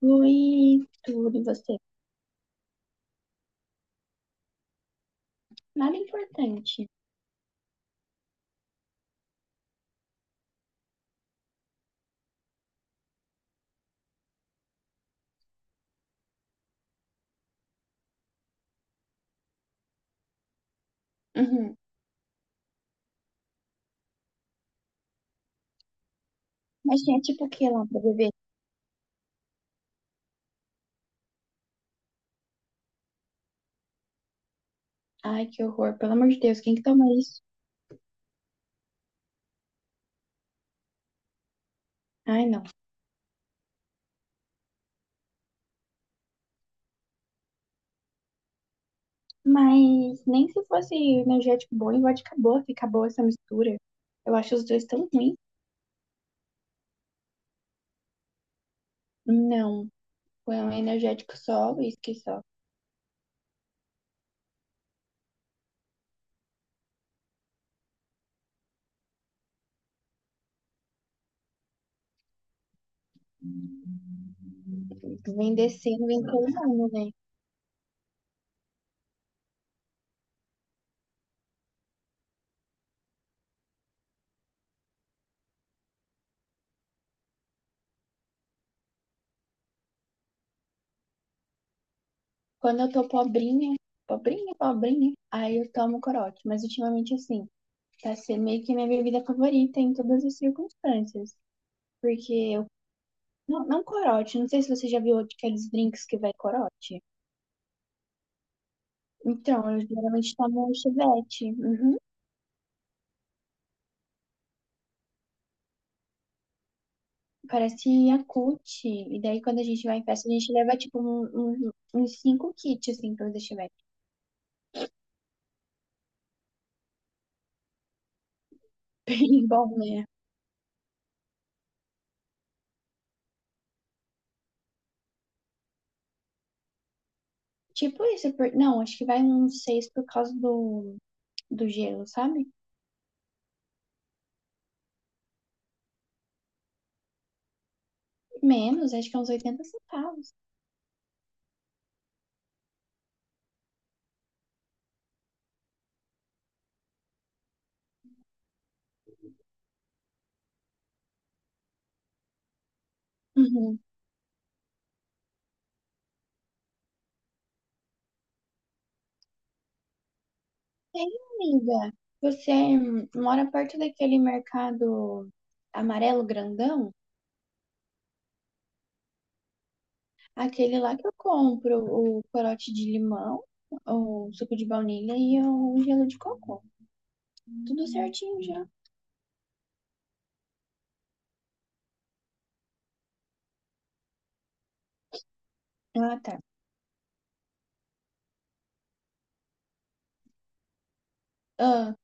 Oi, tudo você? Nada importante. Uhum. Mas tinha tipo o que lá pra beber? Ai, que horror. Pelo amor de Deus, quem que toma isso? Ai, não. Mas nem se fosse energético bom e vodka boa, fica boa essa mistura. Eu acho os dois tão ruins. Não. Foi um energético só, uísque só. Vem descendo, vem colando, né? Quando eu tô pobrinha, pobrinha, pobrinha, aí eu tomo corote. Mas ultimamente, assim, tá sendo meio que minha bebida favorita em todas as circunstâncias. Porque eu. Não, não corote, não sei se você já viu aqueles drinks que vai corote. Então, eu geralmente tomo chivete. Uhum. Parece Yakult. E daí, quando a gente vai em festa, a gente leva, tipo, uns cinco kits, assim, pra fazer chivete. Bem bom, né? Tipo isso. Por... Não, acho que vai uns seis por causa do gelo, sabe? Menos, acho que é uns oitenta centavos. Uhum. Tem, amiga. Você mora perto daquele mercado amarelo grandão? Aquele lá que eu compro, o corote de limão, o suco de baunilha e o um gelo de cocô. Tudo certinho já. Ah, tá. Ah,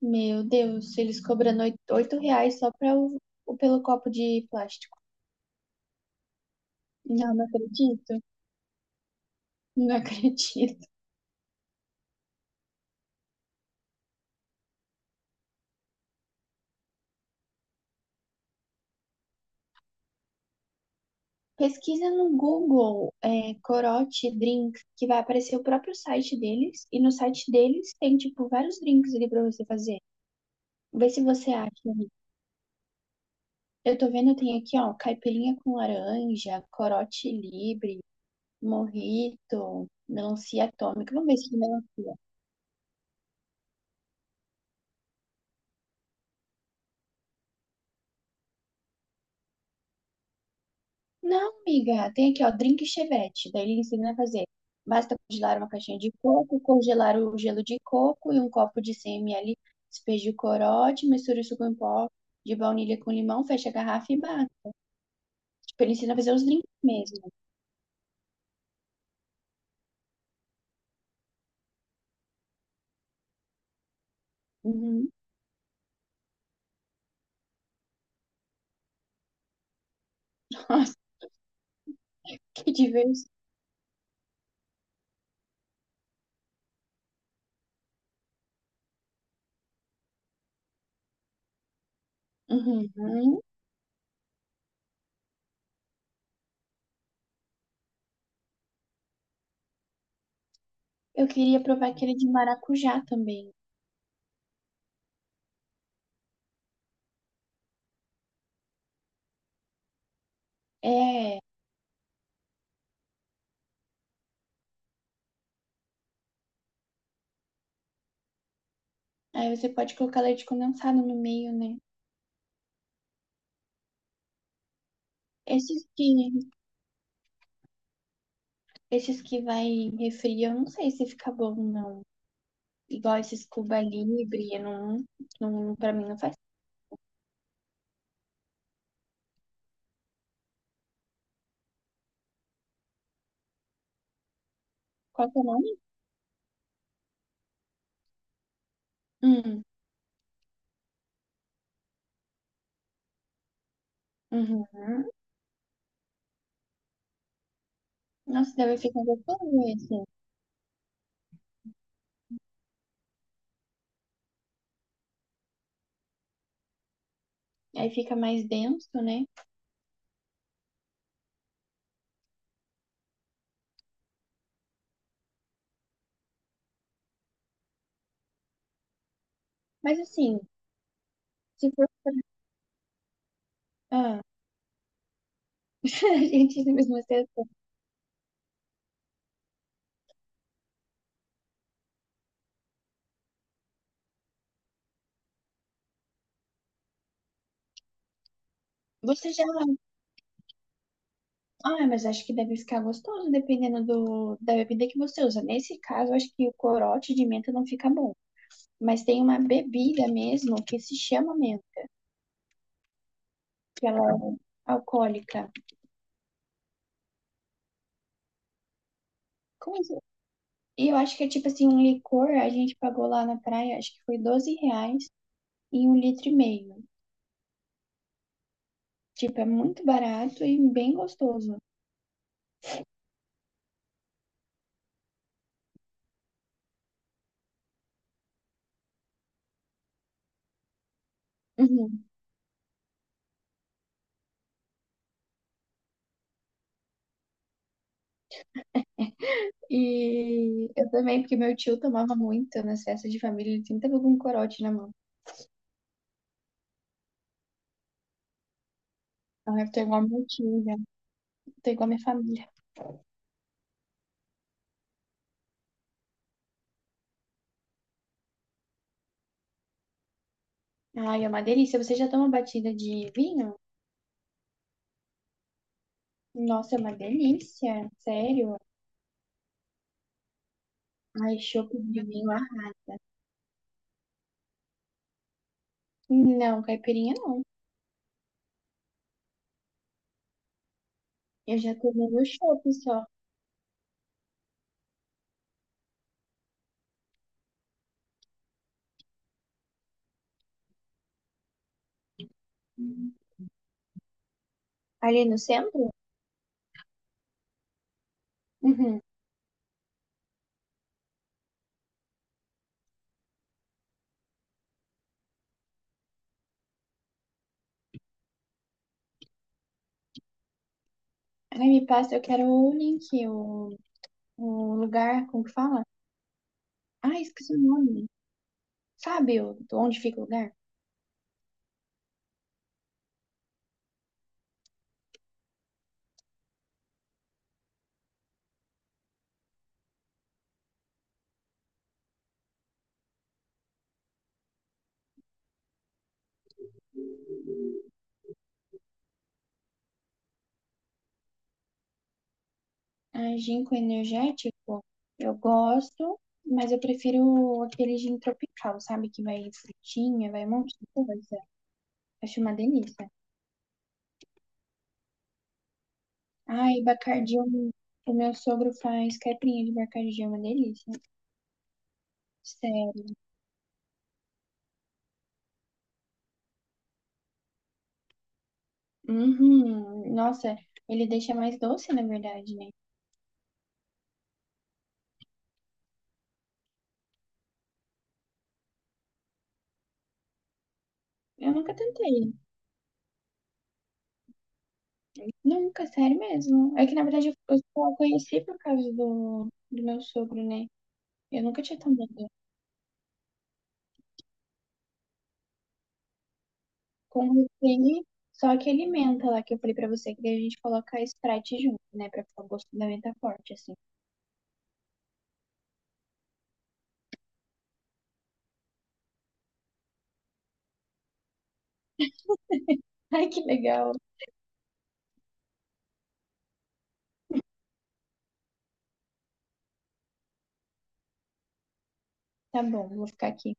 meu Deus, eles cobrando oito reais só pra pelo copo de plástico. Não, não acredito. Não acredito. Pesquisa no Google, é, corote drink, que vai aparecer o próprio site deles. E no site deles tem, tipo, vários drinks ali pra você fazer. Vê se você acha. Eu tô vendo, tem aqui, ó, caipirinha com laranja, corote livre, mojito, melancia atômica. Vamos ver se tem melancia. Não, amiga, tem aqui, ó, drink chevette. Daí ele ensina a fazer. Basta congelar uma caixinha de coco, congelar o gelo de coco e um copo de 100 ml. Despeje o corote, misture o suco em pó de baunilha com limão, fecha a garrafa e bate. Tipo, ele ensina a fazer os drinks mesmo. Uhum. Nossa, que diverso. Uhum. Eu queria provar aquele de maracujá também. É. Aí você pode colocar leite condensado no meio, né? Esses que, esses que vai em refri, eu não sei se fica bom, não. Igual esses Cuba Libre, eu não, não, pra mim não faz. Qual que é o nome? Hum, uhum. Nossa, deve ficar gostoso esse. Aí fica mais denso, né? Mas assim, se for pra... Ah, a gente mesmo assim. Você já... Ah, mas acho que deve ficar gostoso, dependendo da bebida que você usa. Nesse caso, acho que o corote de menta não fica bom. Mas tem uma bebida mesmo que se chama mesmo, que ela é alcoólica. Como isso? E eu acho que é tipo assim, um licor, a gente pagou lá na praia, acho que foi 12 reais e um litro e meio. Tipo, é muito barato e bem gostoso. Uhum. E eu também, porque meu tio tomava muito nas festas de família, ele sempre tava com um corote na mão. Então eu tô igual meu tio, já. Tô igual minha família. Ai, é uma delícia. Você já toma batida de vinho? Nossa, é uma delícia, sério. Ai, chope de vinho. Não, caipirinha não. Eu já tomei no shopping só. Ali no centro? Uhum. Ai, me passa, eu quero o link, o lugar, como que fala? Ah, esqueci o nome. Sabe onde fica o lugar? Ah, gin com energético, eu gosto, mas eu prefiro aquele gin tropical, sabe? Que vai frutinha, vai um monte de coisa. Acho uma delícia. Ai, Bacardi, eu- o meu sogro faz caipirinha de Bacardi, é uma delícia. Uhum. Nossa, ele deixa mais doce, na verdade, né? Eu nunca tentei. Nunca, sério mesmo. É que, na verdade, eu só conheci por causa do meu sogro, né? Eu nunca tinha tomado. Com ele, só aquele menta lá que eu falei pra você, que daí a gente coloca Sprite junto, né? Pra ficar o gosto da menta forte, assim. Ai, que legal. Tá bom, vou ficar aqui.